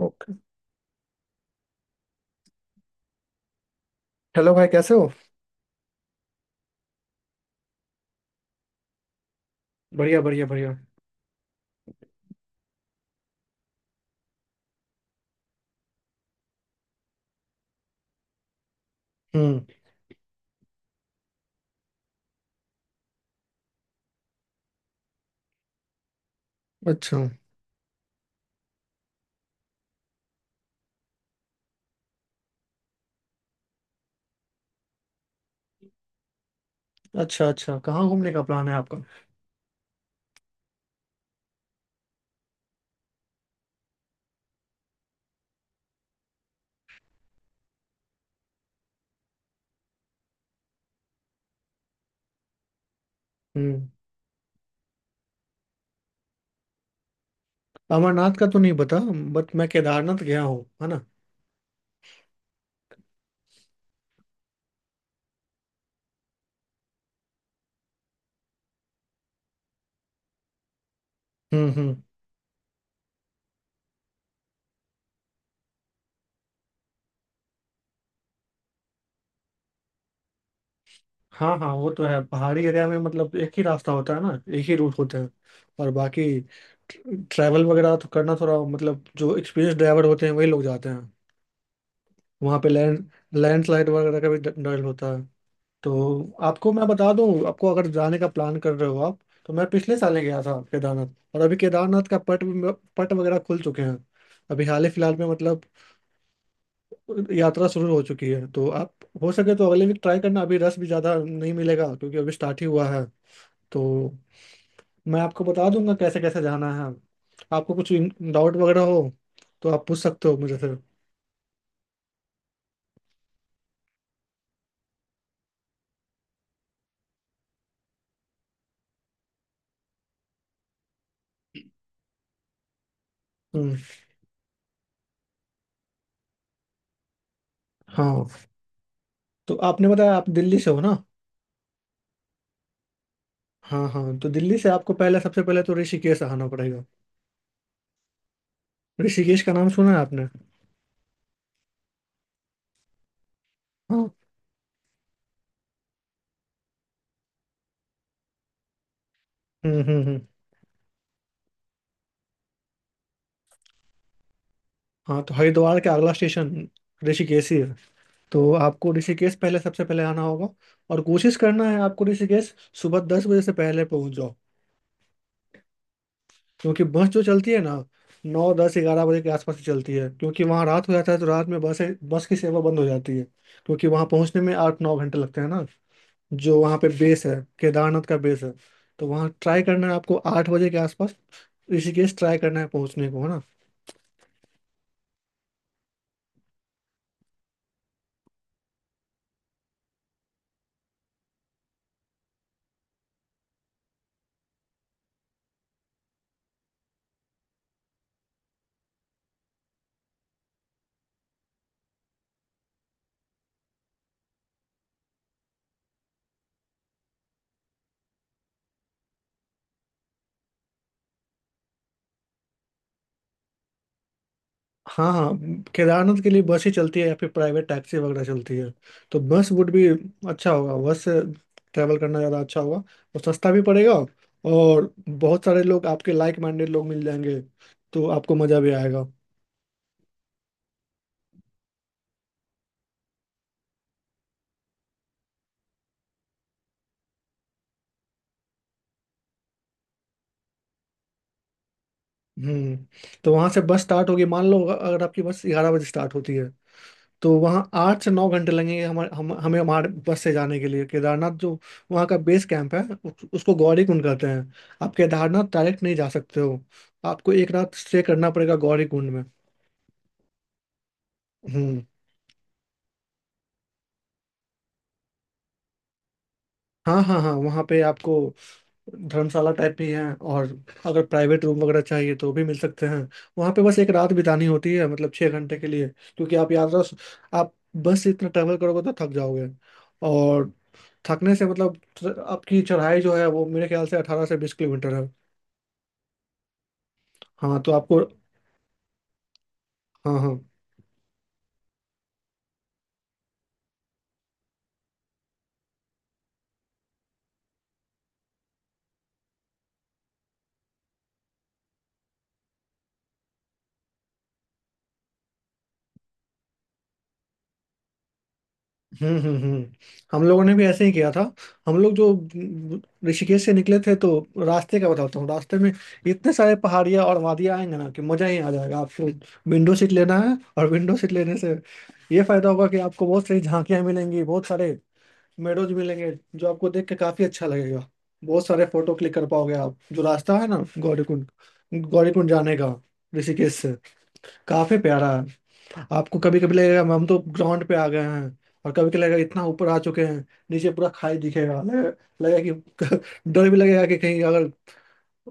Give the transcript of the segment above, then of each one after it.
Okay. Hello भाई, कैसे हो? बढ़िया बढ़िया बढ़िया। हम्म। अच्छा अच्छा अच्छा, कहाँ घूमने का प्लान है आपका? हम्म। अमरनाथ का तो नहीं पता, बट मैं केदारनाथ गया हूँ, है ना। हम्म। हाँ हाँ, वो तो है, पहाड़ी एरिया में मतलब एक ही रास्ता होता है ना, एक ही रूट होता है। और बाकी ट्रैवल वगैरह तो करना थोड़ा, मतलब जो एक्सपीरियंस ड्राइवर होते हैं वही लोग जाते हैं। वहाँ पे लैंडस्लाइड वगैरह का भी डर डर होता है। तो आपको मैं बता दूं, आपको अगर जाने का प्लान कर रहे हो आप, तो मैं पिछले साल ही गया था केदारनाथ। और अभी केदारनाथ का पट पट वगैरह खुल चुके हैं। अभी हाल ही फिलहाल में मतलब यात्रा शुरू हो चुकी है। तो आप हो सके तो अगले वीक ट्राई करना, अभी रश भी ज़्यादा नहीं मिलेगा क्योंकि अभी स्टार्ट ही हुआ है। तो मैं आपको बता दूंगा कैसे कैसे जाना है। आपको कुछ डाउट वगैरह हो तो आप पूछ सकते हो मुझे फिर। हम्म। हाँ, तो आपने बताया आप दिल्ली से हो ना। हाँ हाँ, तो दिल्ली से आपको पहले सबसे पहले तो ऋषिकेश आना पड़ेगा। ऋषिकेश का नाम सुना है आपने? हाँ। हम्म। हाँ, तो हरिद्वार के अगला स्टेशन ऋषिकेश ही है। तो आपको ऋषिकेश पहले सबसे पहले आना होगा। और कोशिश करना है आपको ऋषिकेश सुबह 10 बजे से पहले पहुंच जाओ, क्योंकि बस जो चलती है ना, 9 10 11 बजे के आसपास ही चलती है। क्योंकि वहाँ रात हो जाता है, तो रात में बस बस की सेवा बंद हो जाती है। क्योंकि वहाँ पहुँचने में 8 9 घंटे लगते हैं ना, जो वहाँ पे बेस है, केदारनाथ का बेस है। तो वहाँ ट्राई करना है आपको 8 बजे के आसपास ऋषिकेश, ट्राई करना है पहुँचने को, है ना। हाँ हाँ। केदारनाथ के लिए बस ही चलती है या फिर प्राइवेट टैक्सी वगैरह चलती है, तो बस वुड भी अच्छा होगा, बस से ट्रैवल करना ज़्यादा अच्छा होगा, और सस्ता भी पड़ेगा, और बहुत सारे लोग आपके लाइक माइंडेड लोग मिल जाएंगे, तो आपको मज़ा भी आएगा। हम्म। तो वहाँ से बस स्टार्ट होगी, मान लो अगर आपकी बस 11 बजे स्टार्ट होती है, तो वहाँ 8 से 9 घंटे लगेंगे हमारे, हमें हमारे बस से जाने के लिए, केदारनाथ जो वहाँ का बेस कैंप है उसको गौरीकुंड कहते हैं। आप केदारनाथ डायरेक्ट नहीं जा सकते हो, आपको एक रात स्टे करना पड़ेगा गौरीकुंड में। हम्म। हाँ हाँ हाँ, वहाँ पे आपको धर्मशाला टाइप भी है, और अगर प्राइवेट रूम वगैरह चाहिए तो भी मिल सकते हैं। वहाँ पे बस एक रात बितानी होती है, मतलब 6 घंटे के लिए, क्योंकि आप यात्रा आप बस से इतना ट्रैवल करोगे तो थक जाओगे, और थकने से मतलब आपकी चढ़ाई जो है वो मेरे ख्याल से 18 से 20 किलोमीटर है। हाँ तो आपको। हाँ हाँ। हम्म। हम लोगों ने भी ऐसे ही किया था, हम लोग जो ऋषिकेश से निकले थे तो रास्ते का बताता हूँ। रास्ते में इतने सारे पहाड़ियाँ और वादियाँ आएंगे ना कि मजा ही आ जाएगा आपको। विंडो सीट लेना है, और विंडो सीट लेने से ये फायदा होगा कि आपको बहुत सारी झांकियाँ मिलेंगी, बहुत सारे मेडोज मिलेंगे, जो आपको देख के काफी अच्छा लगेगा। बहुत सारे फोटो क्लिक कर पाओगे आप। जो रास्ता है ना, गौरीकुंड, गौरीकुंड जाने का, ऋषिकेश से, काफी प्यारा है। आपको कभी कभी लगेगा हम तो ग्राउंड पे आ गए हैं, और कभी कभी लगेगा इतना ऊपर आ चुके हैं। नीचे पूरा खाई दिखेगा, लगेगा कि डर भी लगेगा कि कहीं अगर,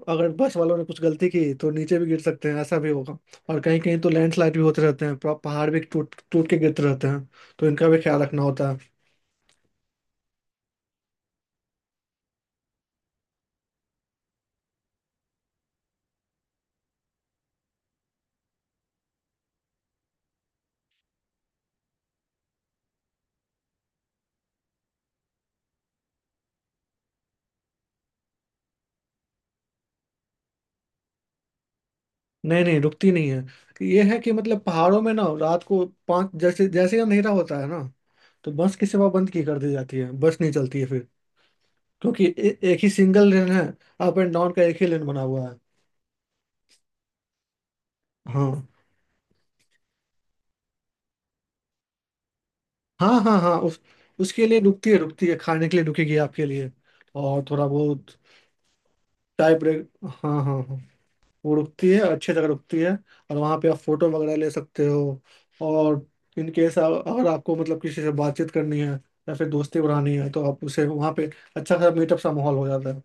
बस वालों ने कुछ गलती की तो नीचे भी गिर सकते हैं, ऐसा भी होगा। और कहीं कहीं तो लैंडस्लाइड भी होते रहते हैं, पूरा पहाड़ भी टूट टूट के गिरते रहते हैं, तो इनका भी ख्याल रखना होता है। नहीं नहीं, रुकती नहीं है। कि ये है कि मतलब पहाड़ों में ना रात को पाँच, जैसे जैसे ही अंधेरा होता है ना, तो बस की सेवा बंद की कर दी जाती है, बस नहीं चलती है फिर। क्योंकि एक ही सिंगल लेन है, अप एंड डाउन का एक ही लेन बना हुआ है। हाँ हाँ हाँ हाँ, उस उसके लिए रुकती है, रुकती है खाने के लिए रुकेगी आपके लिए, और थोड़ा बहुत चाय ब्रेक, हाँ हाँ हाँ, वो रुकती है, अच्छी जगह रुकती है, और वहाँ पे आप फोटो वगैरह ले सकते हो। और इन केस अगर आपको मतलब किसी से बातचीत करनी है या फिर दोस्ती बढ़ानी है तो आप उसे वहाँ पे अच्छा खासा मीटअप सा माहौल हो जाता है।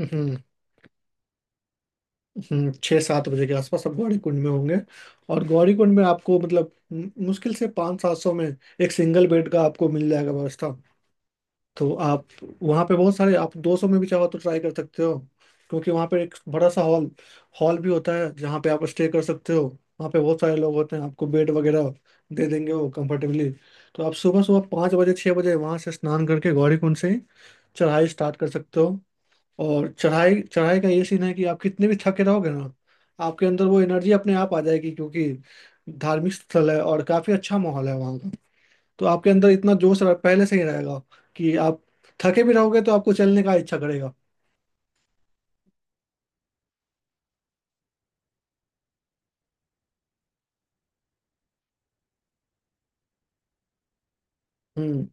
हम्म 6 7 बजे के आसपास सब गौरी कुंड में होंगे। और गौरी कुंड में आपको मतलब मुश्किल से पाँच सात सौ में एक सिंगल बेड का आपको मिल जाएगा व्यवस्था। तो आप वहाँ पे बहुत सारे आप 200 में भी चाहो तो ट्राई कर सकते हो, क्योंकि वहाँ पे एक बड़ा सा हॉल हॉल भी होता है जहाँ पे आप स्टे कर सकते हो। वहाँ पे बहुत सारे लोग होते हैं, आपको बेड वगैरह दे देंगे वो कंफर्टेबली। तो आप सुबह सुबह 5 बजे 6 बजे वहाँ से स्नान करके गौरी कुंड से चढ़ाई स्टार्ट कर सकते हो, और चढ़ाई चढ़ाई का ये सीन है कि आप कितने भी थके रहोगे ना, आपके अंदर वो एनर्जी अपने आप आ जाएगी, क्योंकि धार्मिक स्थल है और काफ़ी अच्छा माहौल है वहाँ। तो आपके अंदर इतना जोश पहले से ही रहेगा कि आप थके भी रहोगे तो आपको चलने का इच्छा करेगा। हम्म।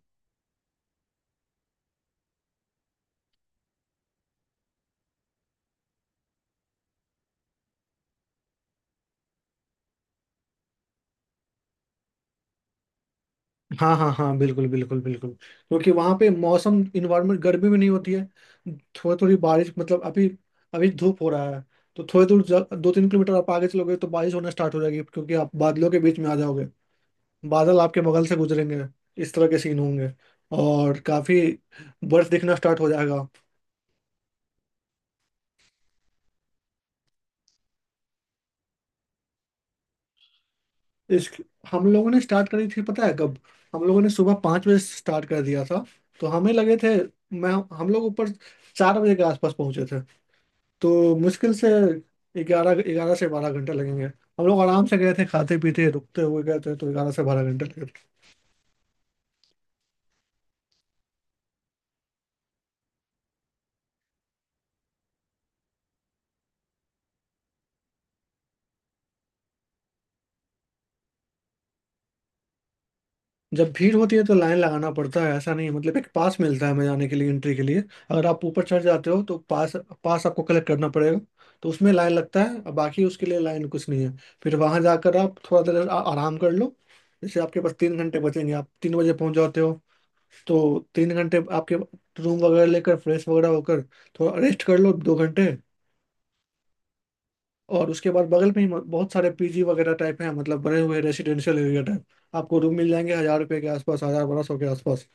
हाँ हाँ हाँ, बिल्कुल बिल्कुल बिल्कुल, क्योंकि वहाँ पे मौसम इन्वायरमेंट गर्मी भी नहीं होती है, थोड़ी थोड़ी बारिश मतलब अभी अभी धूप हो रहा है। तो थोड़ी दूर 2 3 किलोमीटर आप आगे चलोगे तो बारिश होना स्टार्ट हो जाएगी, क्योंकि आप बादलों के बीच में आ जाओगे, बादल आपके बगल से गुजरेंगे, इस तरह के सीन होंगे, और काफी बर्फ दिखना स्टार्ट हो जाएगा। इस हम लोगों ने स्टार्ट करी थी पता है कब? हम लोगों ने सुबह 5 बजे स्टार्ट कर दिया था, तो हमें लगे थे, मैं हम लोग ऊपर 4 बजे के आसपास पहुंचे थे, तो मुश्किल से ग्यारह 11 से 12 घंटे लगेंगे। हम लोग आराम से गए थे, खाते पीते रुकते हुए गए थे, तो 11 से 12 घंटे लगे। जब भीड़ होती है तो लाइन लगाना पड़ता है, ऐसा नहीं है, मतलब एक पास मिलता है हमें जाने के लिए एंट्री के लिए। अगर आप ऊपर चढ़ जाते हो तो पास पास आपको कलेक्ट करना पड़ेगा। तो उसमें लाइन लगता है, और बाकी उसके लिए लाइन कुछ नहीं है। फिर वहां जाकर आप थोड़ा देर आराम कर लो। जैसे आपके पास 3 घंटे बचेंगे, आप 3 बजे पहुंच जाते हो, तो 3 घंटे आपके रूम वगैरह लेकर फ्रेश वगैरह होकर थोड़ा रेस्ट कर लो 2 घंटे। और उसके बाद बगल में ही बहुत सारे पीजी वगैरह टाइप हैं, मतलब बने हुए रेसिडेंशियल एरिया टाइप आपको रूम मिल जाएंगे हजार रुपये के आसपास, हजार बारह सौ के आसपास।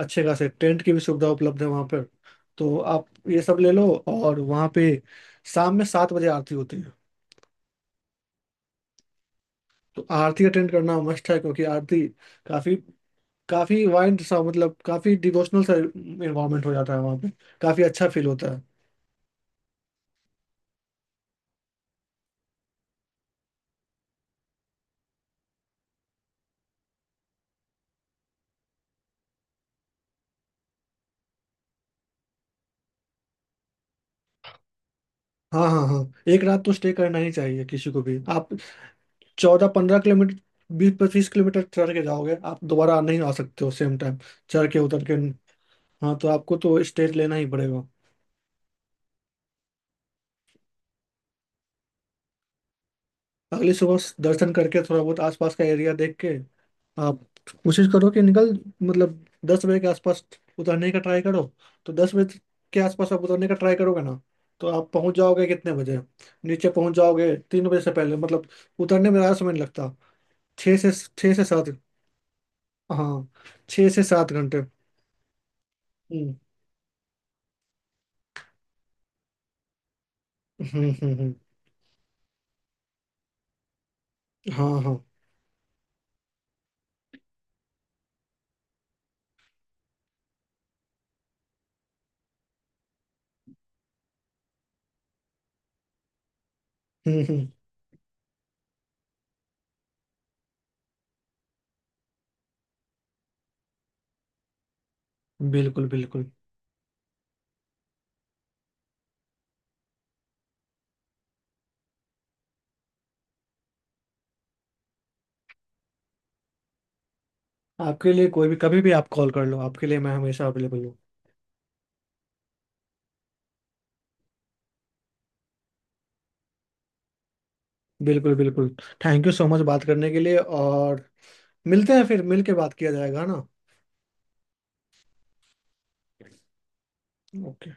अच्छे खासे टेंट की भी सुविधा उपलब्ध है वहाँ पर, तो आप ये सब ले लो। और वहाँ पे शाम में 7 बजे आरती होती है, तो आरती अटेंड करना मस्ट है क्योंकि आरती काफी काफी वाइंड सा मतलब काफी डिवोशनल सा इन्वायरमेंट हो जाता है वहाँ पे, काफी अच्छा फील होता है। हाँ हाँ हाँ, एक रात तो स्टे करना ही चाहिए किसी को भी। आप 14 15 किलोमीटर, 20 25 किलोमीटर चढ़ के जाओगे, आप दोबारा नहीं आ सकते हो सेम टाइम चढ़ के उतर के। हाँ तो आपको तो स्टे लेना ही पड़ेगा। अगली सुबह दर्शन करके थोड़ा बहुत आसपास का एरिया देख के, आप कोशिश करो कि निकल, मतलब 10 बजे के आसपास उतरने का ट्राई करो, तो 10 बजे के आसपास आप उतरने का ट्राई करोगे ना, तो आप पहुंच जाओगे कितने बजे? नीचे पहुंच जाओगे 3 बजे से पहले, मतलब उतरने में ज़्यादा समय नहीं लगता। छः से छः से सात। हाँ, 6 से 7 घंटे। हम्म हम्म हम्म हम्म, हाँ हाँ। हम्म, बिल्कुल बिल्कुल। आपके लिए कोई भी कभी भी आप कॉल कर लो, आपके लिए मैं हमेशा अवेलेबल हूँ। बिल्कुल बिल्कुल। थैंक यू सो मच बात करने के लिए, और मिलते हैं फिर, मिल के बात किया जाएगा, है ना। ओके।